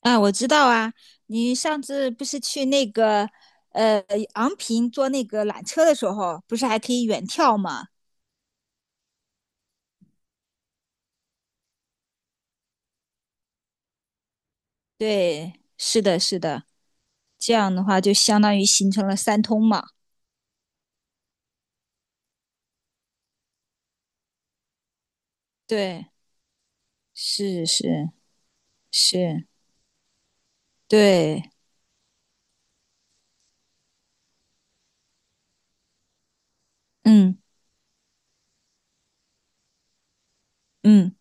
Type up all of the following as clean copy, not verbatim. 啊，我知道啊，你上次不是去那个呃昂坪坐那个缆车的时候，不是还可以远眺吗？对，是的，是的，这样的话就相当于形成了三通嘛。对，是是是，对，嗯嗯，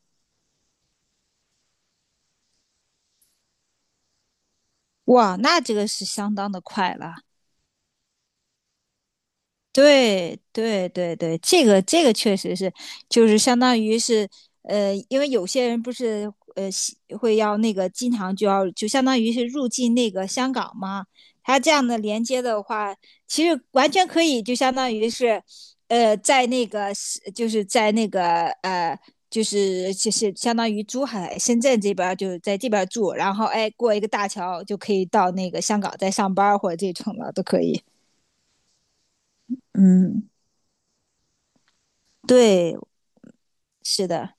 哇，那这个是相当的快了。对对对对，这个这个确实是，就是相当于是，因为有些人不是喜会要那个经常就要就相当于是入境那个香港嘛，他这样的连接的话，其实完全可以就相当于是，在那个是就是在那个就是相当于珠海、深圳这边儿就是在这边儿住，然后哎过一个大桥就可以到那个香港再上班儿或者这种的都可以。嗯。对，是的，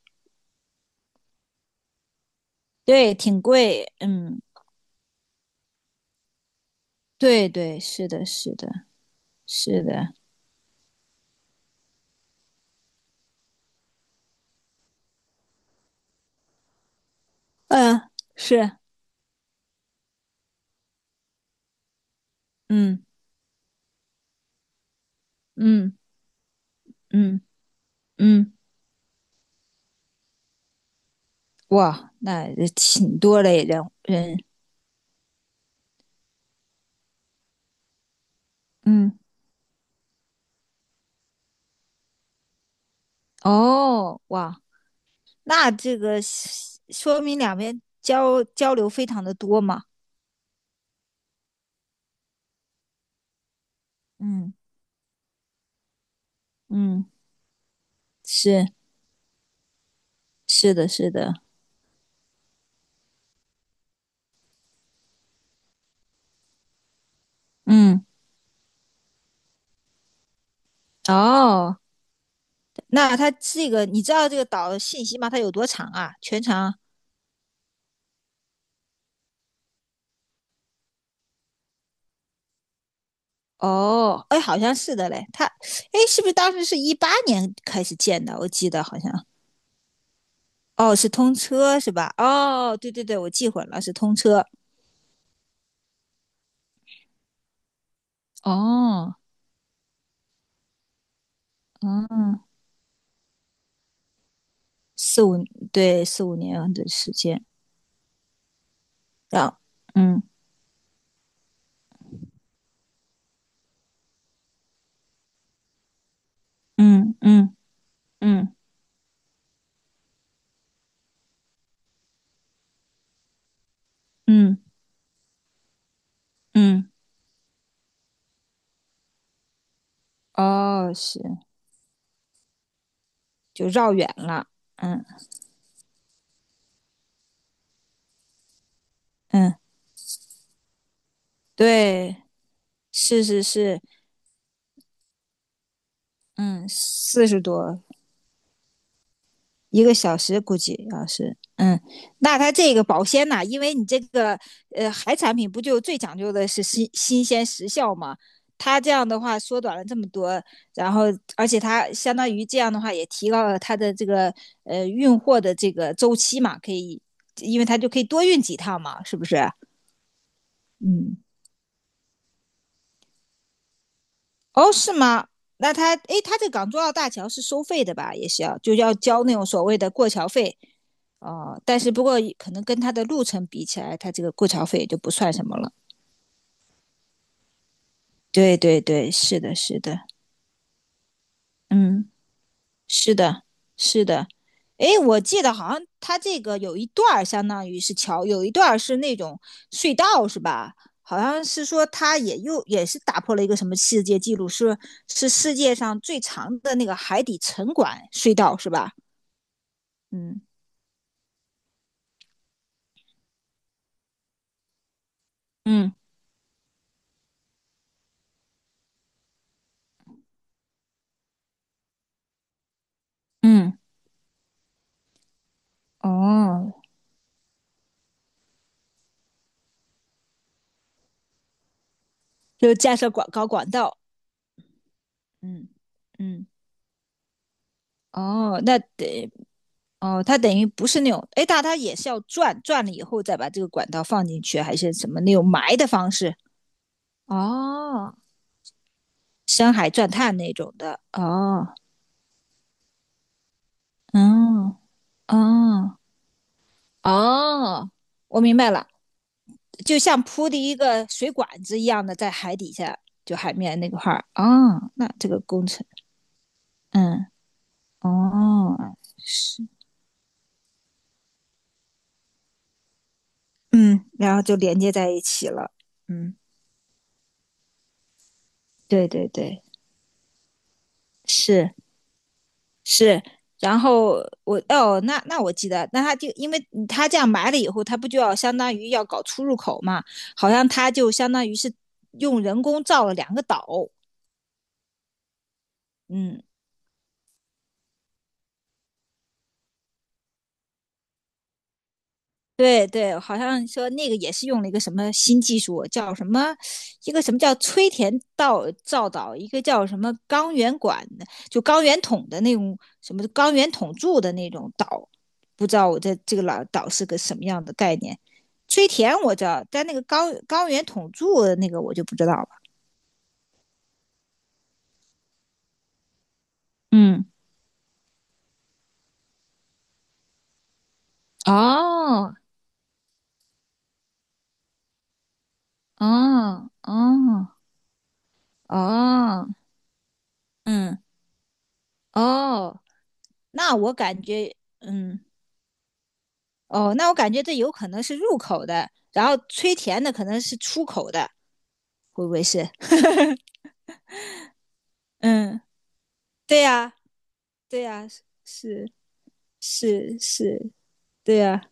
对，挺贵，嗯，对对，是的，是的，是的，嗯、是，嗯嗯嗯嗯，哇，那也挺多嘞，嗯，哦，哇，那这个是说明两边交流非常的多嘛，嗯嗯，是是的，是的，嗯，哦，那它这个你知道这个岛信息吗？它有多长啊？全长？哦，哎，好像是的嘞。他，哎，是不是当时是一八年开始建的？我记得好像，哦，是通车是吧？哦，对对对，我记混了，是通车。哦，嗯，四五，对，四五年的时间。然后，嗯嗯嗯嗯嗯嗯，哦，是，就绕远了。嗯嗯，对，是是是，嗯，四十多一个小时估计要是，嗯，那它这个保鲜呐、啊因为你这个海产品不就最讲究的是新鲜时效嘛？它这样的话缩短了这么多，然后而且它相当于这样的话也提高了它的这个运货的这个周期嘛，可以，因为它就可以多运几趟嘛，是不是？嗯，哦，是吗？那他，诶，他这港珠澳大桥是收费的吧？也是要就要交那种所谓的过桥费，哦，但是不过可能跟他的路程比起来，他这个过桥费也就不算什么了。对对对，是的，是的，嗯。是的，是的。诶，我记得好像它这个有一段儿相当于是桥，有一段儿是那种隧道，是吧？好像是说它也又也是打破了一个什么世界纪录，是是世界上最长的那个海底沉管隧道，是吧？嗯嗯嗯，哦，就是架设管道，嗯嗯，哦，那得哦，它等于不是那种，诶，但它也是要转了以后再把这个管道放进去，还是什么那种埋的方式？哦深海钻探那种的。哦嗯哦哦，我明白了，就像铺的一个水管子一样的，在海底下，就海面那块儿。哦那这个工程，嗯哦，是，嗯，然后就连接在一起了。嗯，对对对，是。是，然后那那我记得，那他就因为他这样埋了以后，他不就要相当于要搞出入口嘛？好像他就相当于是用人工造了两个岛，嗯，对对，好像说那个也是用了一个什么新技术，叫什么一个什么叫吹田道造岛，一个叫什么钢圆管的，就钢圆筒的那种什么钢圆筒柱的那种岛，不知道我这这个老岛是个什么样的概念。崔田我知道，但那个高高原统助那个我就不知道了。嗯，哦，哦，哦，哦，嗯，哦，那我感觉，嗯，哦，那我感觉这有可能是入口的，然后崔田的可能是出口的，会不会是？嗯，对呀、对呀、是是是，对呀、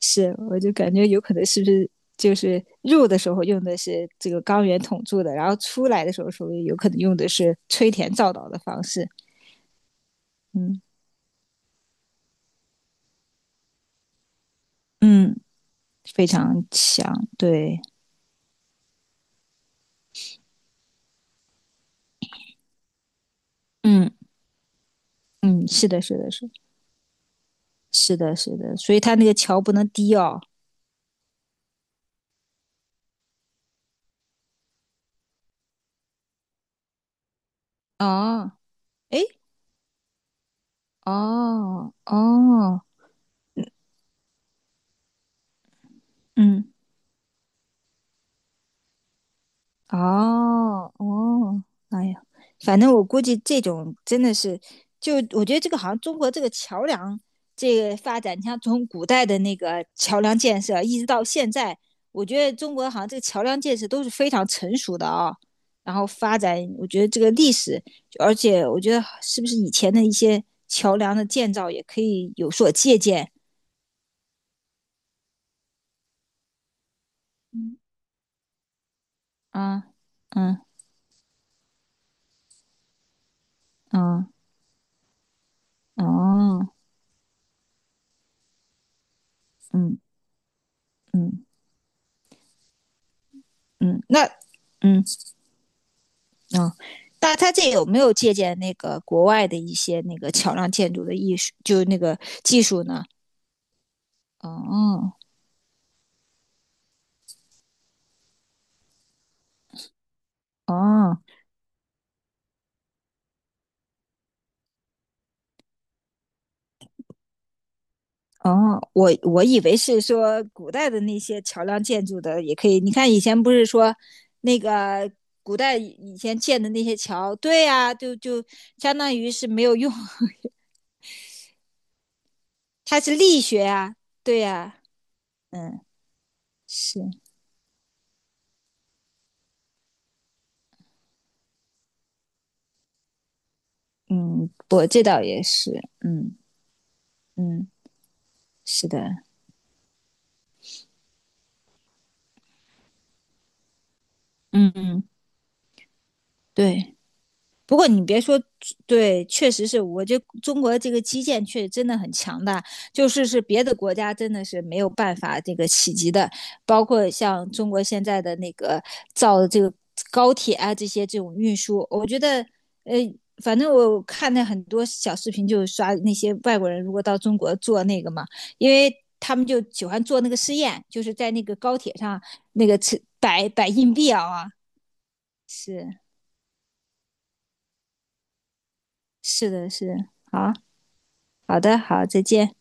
是，我就感觉有可能是不是就是入的时候用的是这个钢圆筒柱的，然后出来的时候说有可能用的是吹填造岛的方式。嗯嗯非常强，对，嗯，嗯，是的，是的，是的是的，是的，所以它那个桥不能低哦。哦，哎，哦哦，嗯，哦哦，哎呀，反正我估计这种真的是，就我觉得这个好像中国这个桥梁这个发展，你像从古代的那个桥梁建设，一直到现在，我觉得中国好像这个桥梁建设都是非常成熟的啊、然后发展，我觉得这个历史，就而且我觉得是不是以前的一些桥梁的建造也可以有所借鉴。嗯，啊，嗯嗯哦，哦嗯嗯嗯，那嗯。嗯，那他这有没有借鉴那个国外的一些那个桥梁建筑的艺术，就是那个技术呢？哦哦哦，我我以为是说古代的那些桥梁建筑的也可以。你看以前不是说那个古代以前建的那些桥，对呀、啊就就相当于是没有用，它是力学啊，对呀、啊嗯，是，嗯，我这倒也是，嗯嗯，是的，嗯嗯，对。不过你别说，对，确实是我觉得中国这个基建确实真的很强大，就是是别的国家真的是没有办法这个企及的，包括像中国现在的那个造的这个高铁啊这些这种运输，我觉得呃。反正我看那很多小视频，就是刷那些外国人如果到中国做那个嘛，因为他们就喜欢做那个试验，就是在那个高铁上那个吃摆硬币啊，是是的是啊。好的，好，再见。